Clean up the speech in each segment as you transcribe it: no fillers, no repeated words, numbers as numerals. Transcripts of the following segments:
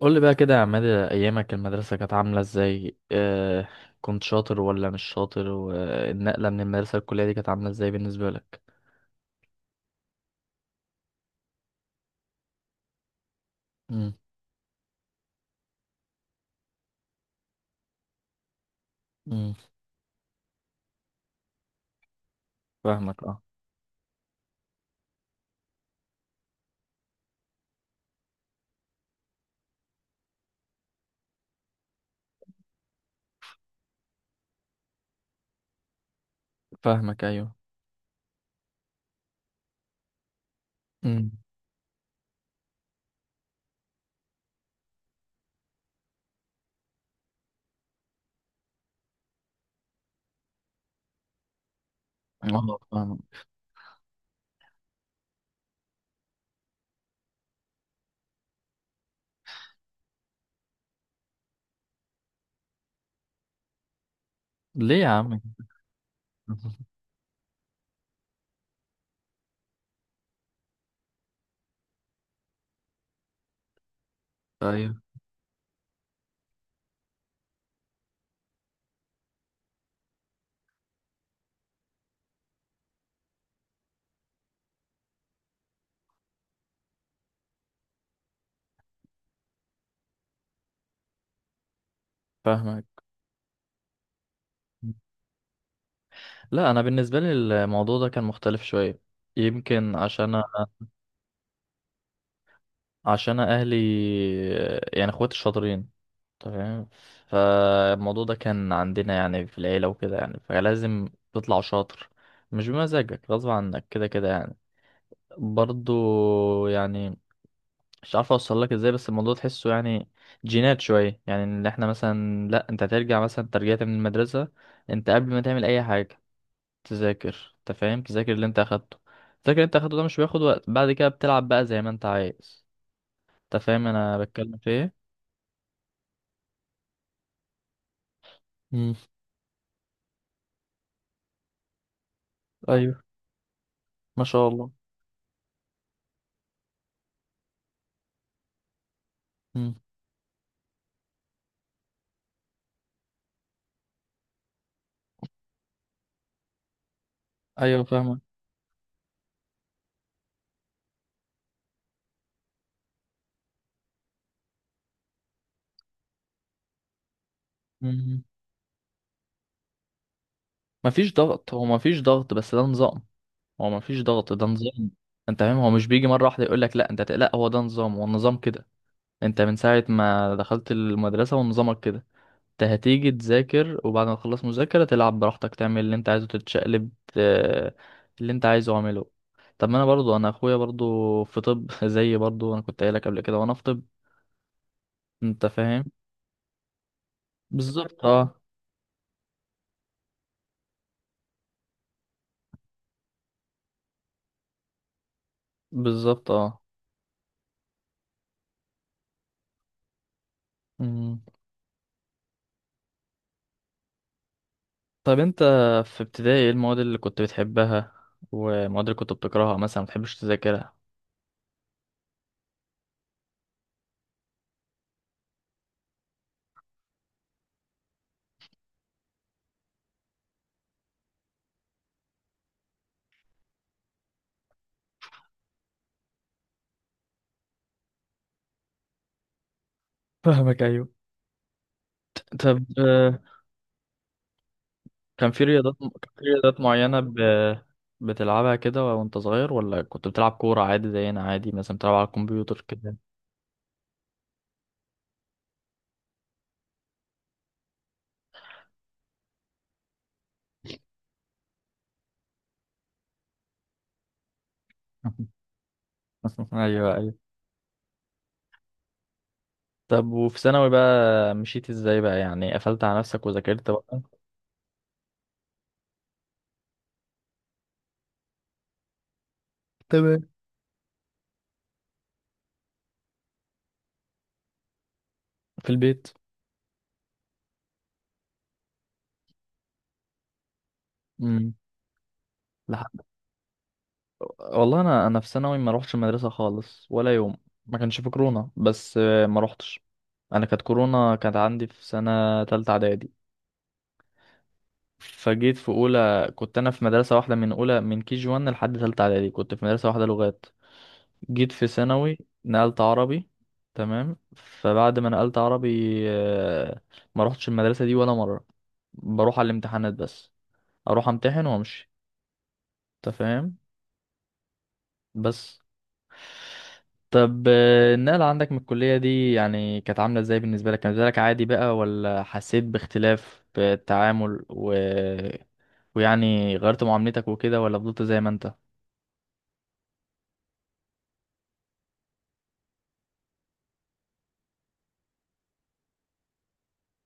قول لي بقى كده يا عماد، ايامك المدرسه كانت عامله ازاي؟ كنت شاطر ولا مش شاطر؟ والنقله من المدرسه للكليه دي كانت عامله ازاي بالنسبه لك؟ امم. امم. فاهمك، اه. فاهمك، ايوه. امم. اه، فاهمك. ليه يا عم؟ ايوه، فاهمك. لا، انا بالنسبه لي الموضوع ده كان مختلف شويه. يمكن عشان اهلي، يعني اخواتي الشاطرين، تمام. فالموضوع ده كان عندنا يعني في العيلة وكده، يعني فلازم تطلع شاطر، مش بمزاجك، غصب عنك كده كده يعني. برضو يعني مش عارف اوصل لك ازاي، بس الموضوع تحسه، يعني جينات شوية. يعني ان احنا مثلا، لا انت هترجع مثلا، ترجعت من المدرسة، انت قبل ما تعمل اي حاجة تذاكر، انت فاهم؟ تذاكر اللي انت اخدته، تذاكر اللي انت اخدته ده مش بياخد وقت، بعد كده بتلعب بقى زي ما انت عايز. انت فاهم انا بتكلم في ايه؟ مم. ايوه. ما شاء الله. مم. ايوه، فاهمك. مم. مفيش ضغط، هو مفيش ضغط بس ده نظام. هو مفيش ضغط، ده نظام. انت فاهم؟ هو مش بيجي مرة واحدة يقول لك لا انت لا، هو ده نظام، هو النظام كده. انت من ساعة ما دخلت المدرسة ونظامك كده. انت هتيجي تذاكر وبعد ما تخلص مذاكرة تلعب براحتك، تعمل اللي انت عايزه، تتشقلب، اللي انت عايزه اعمله. طب ما انا برضو، انا اخويا برضو في طب، زي، برضو انا كنت قايلك قبل كده وانا في طب. انت فاهم؟ بالظبط، اه. بالظبط، اه. مم. طيب انت في ابتدائي ايه المواد اللي كنت بتحبها والمواد اللي كنت بتكرهها مثلا ما بتحبش تذاكرها؟ فاهمك، ايوه. طب، كان في رياضات في رياضات معينة بتلعبها كده وانت صغير؟ ولا كنت بتلعب كورة عادي زينا، عادي مثلا بتلعب على الكمبيوتر كده؟ ايوه، ايوه. طب وفي ثانوي بقى مشيت ازاي بقى؟ يعني قفلت على نفسك وذاكرت بقى؟ تمام. في البيت. امم. والله انا في ثانوي ما روحتش المدرسه خالص ولا يوم. ما كانش في كورونا بس ما روحتش. انا كانت كورونا كانت عندي في سنه تالتة اعدادي. فجيت في اولى كنت انا في مدرسه واحده، من اولى من كي جي 1 لحد تالتة اعدادي كنت في مدرسه واحده لغات. جيت في ثانوي نقلت عربي. تمام. فبعد ما نقلت عربي، آه، ما روحتش المدرسه دي ولا مره، بروح على الامتحانات بس، اروح امتحن وامشي. انت فاهم؟ بس. طب، النقلة عندك من الكلية دي يعني كانت عاملة ازاي بالنسبة لك؟ كان بالنسبة لك عادي بقى ولا حسيت باختلاف في التعامل ويعني غيرت معاملتك وكده ولا فضلت زي ما انت؟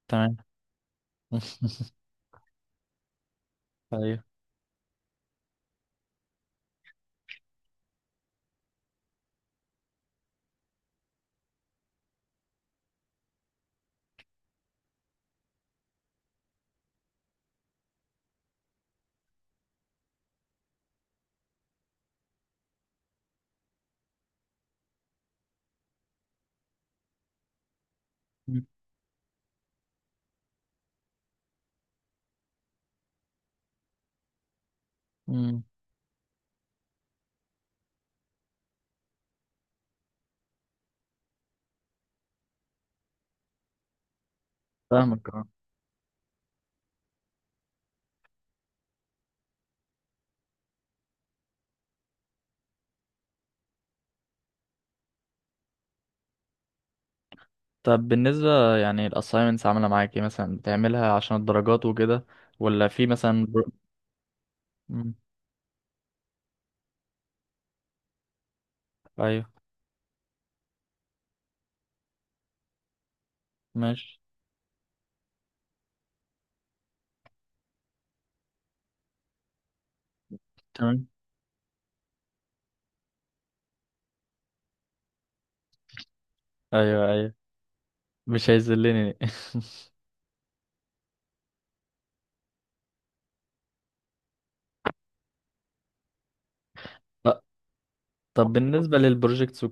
تمام. ايوه. أمم، فاهمك اه. طب بالنسبة يعني الأسايمنتس عاملة معاك ايه؟ مثلا بتعملها عشان الدرجات وكده ولا في مثلا أمم، ايوه، ماشي. تمام. ايوه، ايوه. مش هيذلني. ط- طب بالنسبة للبروجيكتس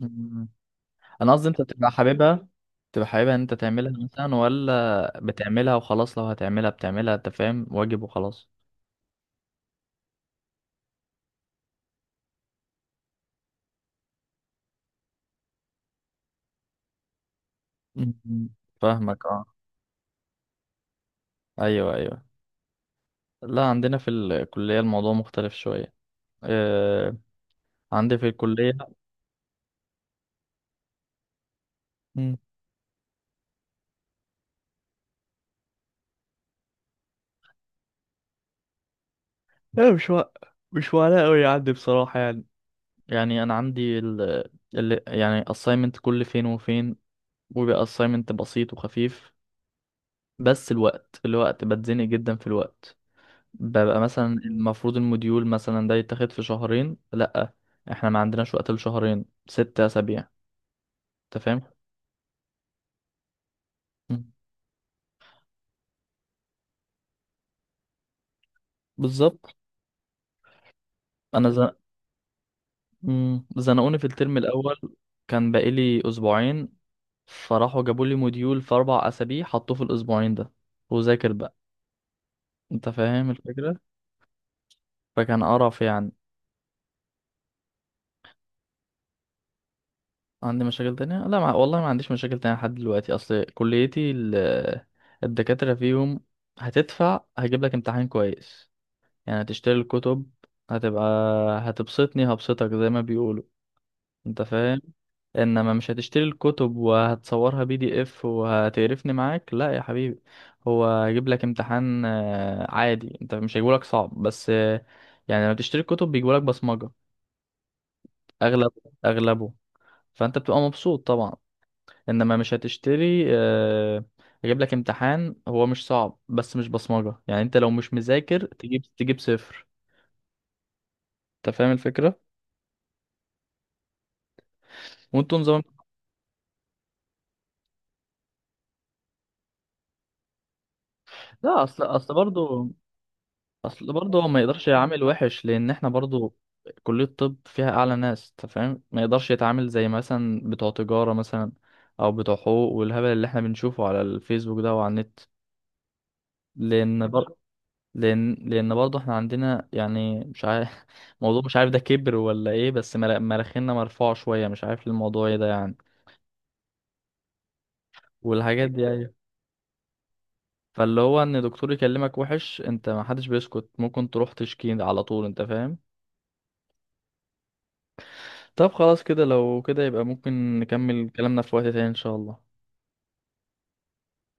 وكده. انا قصدي انت بتبقى حاببها؟ بتبقى حاببها ان انت تعملها مثلا، ولا بتعملها وخلاص؟ لو هتعملها بتعملها انت فاهم، واجب وخلاص. مم. فاهمك، اه. ايوه، ايوه. لا، عندنا في الكلية الموضوع مختلف شوية. آه عندي في الكلية. مم. لا، مش وقلق قوي عندي بصراحة يعني. يعني انا عندي يعني assignment كل فين وفين، وبيبقى assignment بسيط وخفيف. بس الوقت بتزنق جدا في الوقت. ببقى مثلا المفروض الموديول مثلا ده يتاخد في شهرين، لأ احنا ما عندناش وقت لشهرين، ست أسابيع. انت فاهم؟ مم. بالظبط. انا زن... مم. زنقوني في الترم الأول، كان بقالي أسبوعين فراحوا جابوا لي موديول في أربع أسابيع حطوه في الأسبوعين ده وذاكر بقى. انت فاهم الفكرة؟ فكان قرف يعني. عندي مشاكل تانية؟ لا، والله ما عنديش مشاكل تانية لحد دلوقتي. أصل كليتي الدكاترة فيهم هتدفع هجيب لك امتحان كويس، يعني تشتري الكتب. هتبقى هتبسطني هبسطك زي ما بيقولوا. انت فاهم؟ انما مش هتشتري الكتب وهتصورها بي دي اف وهتقرفني معاك، لا يا حبيبي. هو هيجيب لك امتحان عادي، انت مش هيجيبولك صعب، بس يعني لما تشتري الكتب بيجيبولك بصمجة اغلب اغلبه. فانت بتبقى مبسوط طبعا. انما مش هتشتري، هيجيب لك امتحان هو مش صعب بس مش بصمجة، يعني انت لو مش مذاكر تجيب صفر. انت فاهم الفكرة؟ وانتوا نظام. لا، اصل، برضه، اصل برضه هو ما يقدرش يعامل وحش، لان احنا برضه كلية طب فيها اعلى ناس، انت فاهم؟ ما يقدرش يتعامل زي مثلا بتوع تجارة مثلا او بتوع حقوق، والهبل اللي احنا بنشوفه على الفيسبوك ده وعلى النت. لان بر... لان برضه احنا عندنا يعني مش عارف موضوع، مش عارف ده كبر ولا ايه، بس مراخيننا مرفوعة شوية، مش عارف الموضوع ايه ده يعني. والحاجات دي ايوه. فاللي هو ان دكتور يكلمك وحش انت ما حدش بيسكت، ممكن تروح تشكي على طول. انت فاهم؟ طب خلاص كده، لو كده يبقى ممكن نكمل كلامنا في وقت تاني ان شاء الله.